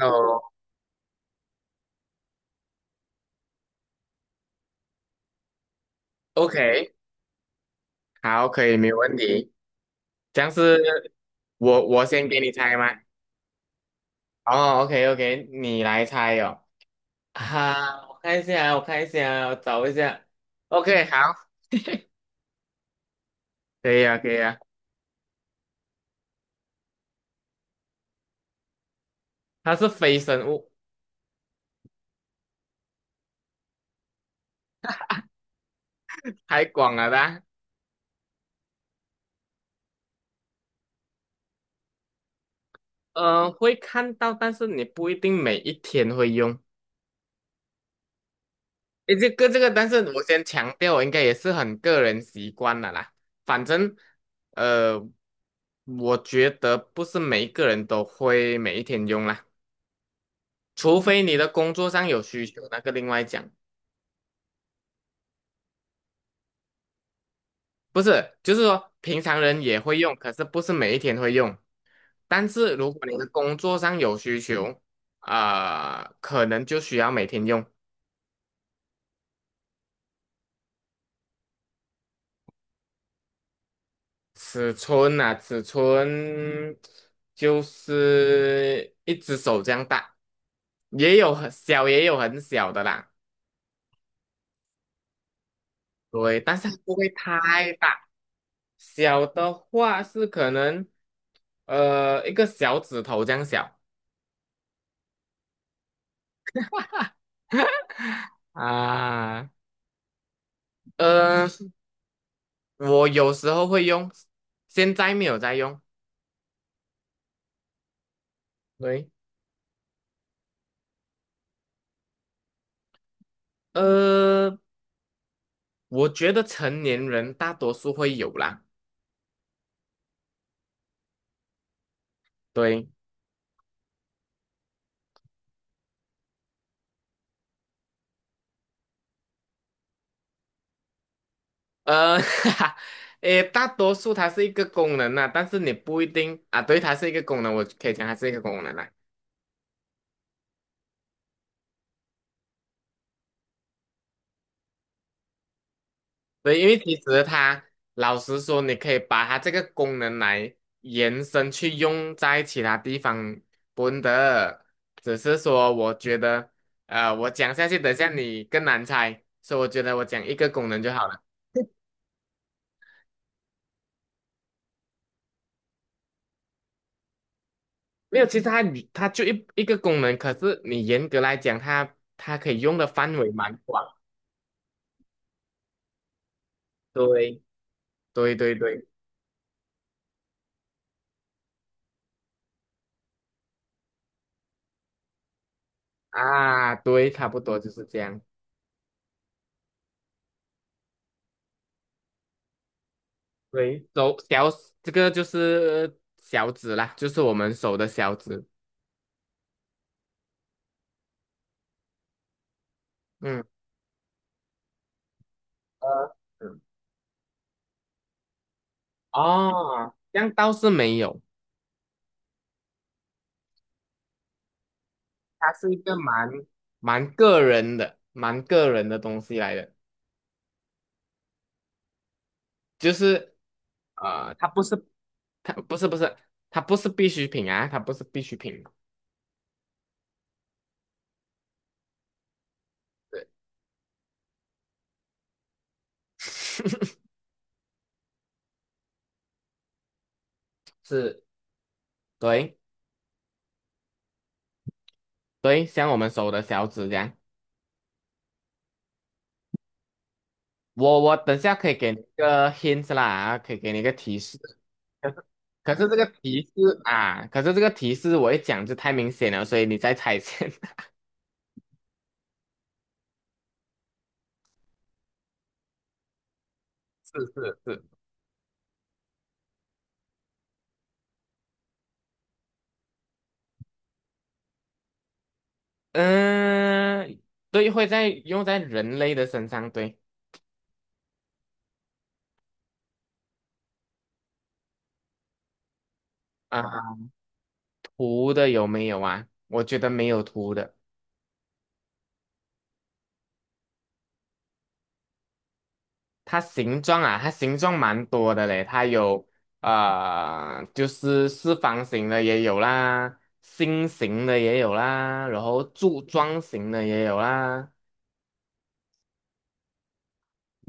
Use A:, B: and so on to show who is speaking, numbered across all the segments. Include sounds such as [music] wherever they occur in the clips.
A: 哦，OK，好，可以，没有问题。这样是我先给你猜吗？哦，OK OK，你来猜哦。啊，我看一下，我看一下，我找一下。OK，好，可以啊，可以啊。它是非生物，太广了啦。会看到，但是你不一定每一天会用。诶，这个这个，但是我先强调，应该也是很个人习惯了啦。反正，呃，我觉得不是每一个人都会每一天用啦。除非你的工作上有需求，那个另外讲。不是，就是说平常人也会用，可是不是每一天会用。但是如果你的工作上有需求，啊、可能就需要每天用。尺寸啊，尺寸就是一只手这样大，也有很小，也有很小的啦。对，但是它不会太大。小的话是可能，一个小指头这样小。啊，呃，我有时候会用，现在没有在用。对，呃，我觉得成年人大多数会有啦。对，[laughs] 哈哈，诶，大多数它是一个功能啦，但是你不一定啊。对，它是一个功能，我可以讲它是一个功能啦。对，因为其实它老实说，你可以把它这个功能来延伸去用在其他地方，不的。只是说，我觉得，我讲下去，等下你更难猜，所以我觉得我讲一个功能就好了。没有，其实它它就一个功能，可是你严格来讲，它可以用的范围蛮广。对，对对对，啊，对，差不多就是这样。对，手小，这个就是小指啦，就是我们手的小指。嗯。呃嗯哦，这样倒是没有，它是一个蛮个人的、蛮个人的东西来的，就是。它不是它不是不是它不是必需品啊，它不是必需品，对，[laughs] 是，对对，像我们手的小指这样，我等下可以给你一个 hint 啦，啊可以给你一个提示，可是可是这个提示啊，可是这个提示我一讲就太明显了，所以你在猜先，[laughs] 是是是。嗯，对，会在用在人类的身上，对。啊，图的有没有啊？我觉得没有图的。它形状啊，它形状蛮多的嘞，它有啊，就是四方形的也有啦，心形的也有啦，然后柱状形的也有啦，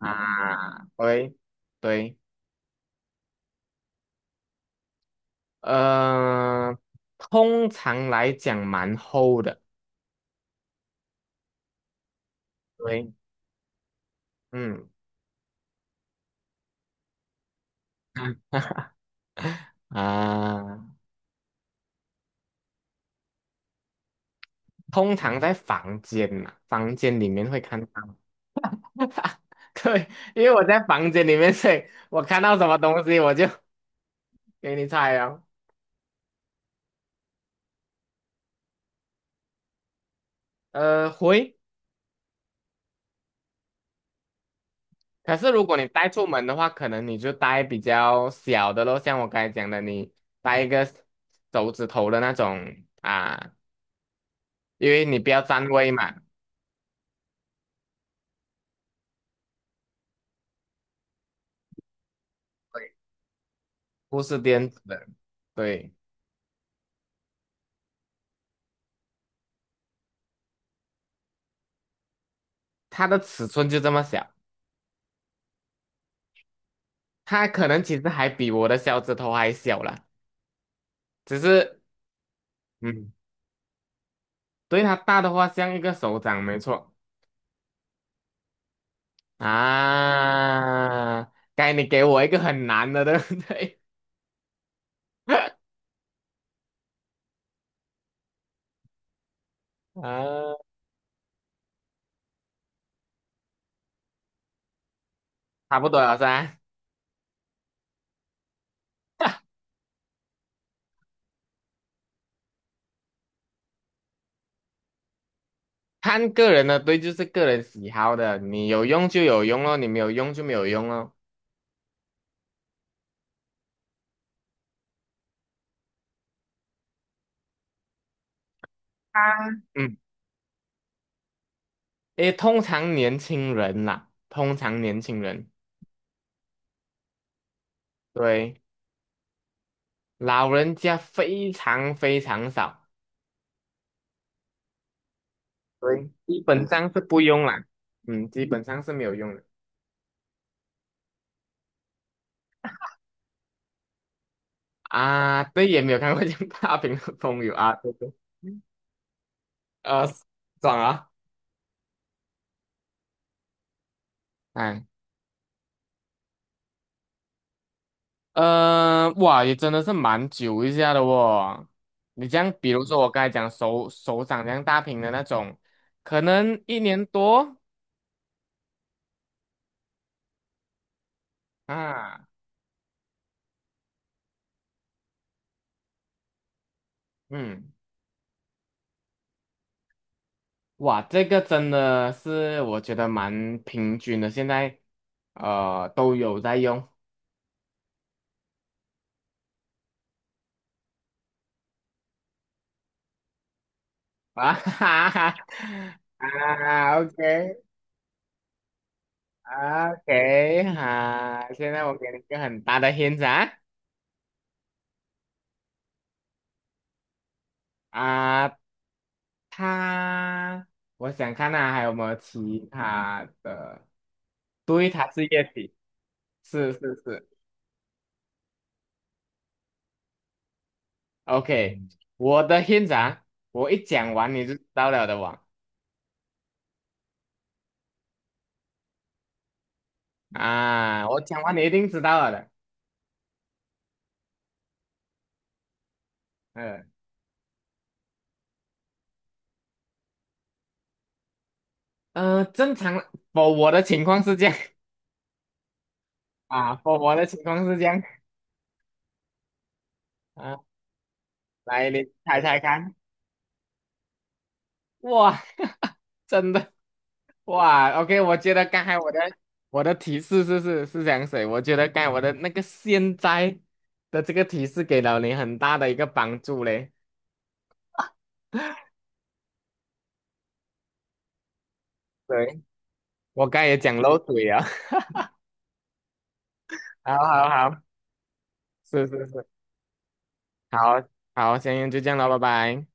A: 啊，喂，对，呃，通常来讲蛮厚的，对，嗯啊。通常在房间嘛，房间里面会看到。[laughs] 对，因为我在房间里面，所以我看到什么东西我就给你猜哦。会。可是如果你带出门的话，可能你就带比较小的咯，像我刚才讲的，你带一个手指头的那种啊，因为你不要占位嘛。对，不是电子的，对，它的尺寸就这么小，它可能其实还比我的小指头还小了，只是。嗯。对，它大的话像一个手掌，没错啊。该你给我一个很难的，对不对？[laughs] 啊，差不多了噻。看个人的，对，就是个人喜好的，你有用就有用咯，你没有用就没有用咯。啊，嗯，诶，通常年轻人啦，通常年轻人，对，老人家非常非常少，对，基本上是不用啦，嗯，基本上是没有用的。啊，对，也没有看过 [laughs] 像大屏的风友啊，对对，呃，爽啊，哎，哇，也真的是蛮久一下的哦。你这样，比如说我刚才讲手掌这样大屏的那种，可能一年多啊，嗯，哇，这个真的是我觉得蛮平均的，现在都有在用啊，[laughs] 哈哈哈啊，OK。OK，好，现在我给你一个很大的 hint 啊。啊，它，我想看啊，还有没有其他的？对，它是液体，是是是。OK，嗯，我的 hint 啊，我一讲完你就知道了的哇。啊，我讲完你一定知道了的。嗯正常 f 我的情况是这样 [laughs] 啊 f 我的情况是这样啊。来，你猜猜看。哇，[laughs] 真的。哇，OK，我觉得刚才我的提示是是是这样子，我觉得刚才我的那个现在的这个提示给了你很大的一个帮助嘞。[laughs] 对，我刚才也讲漏嘴啊。[laughs] 好好好，是是是，好好，先就这样了，拜拜。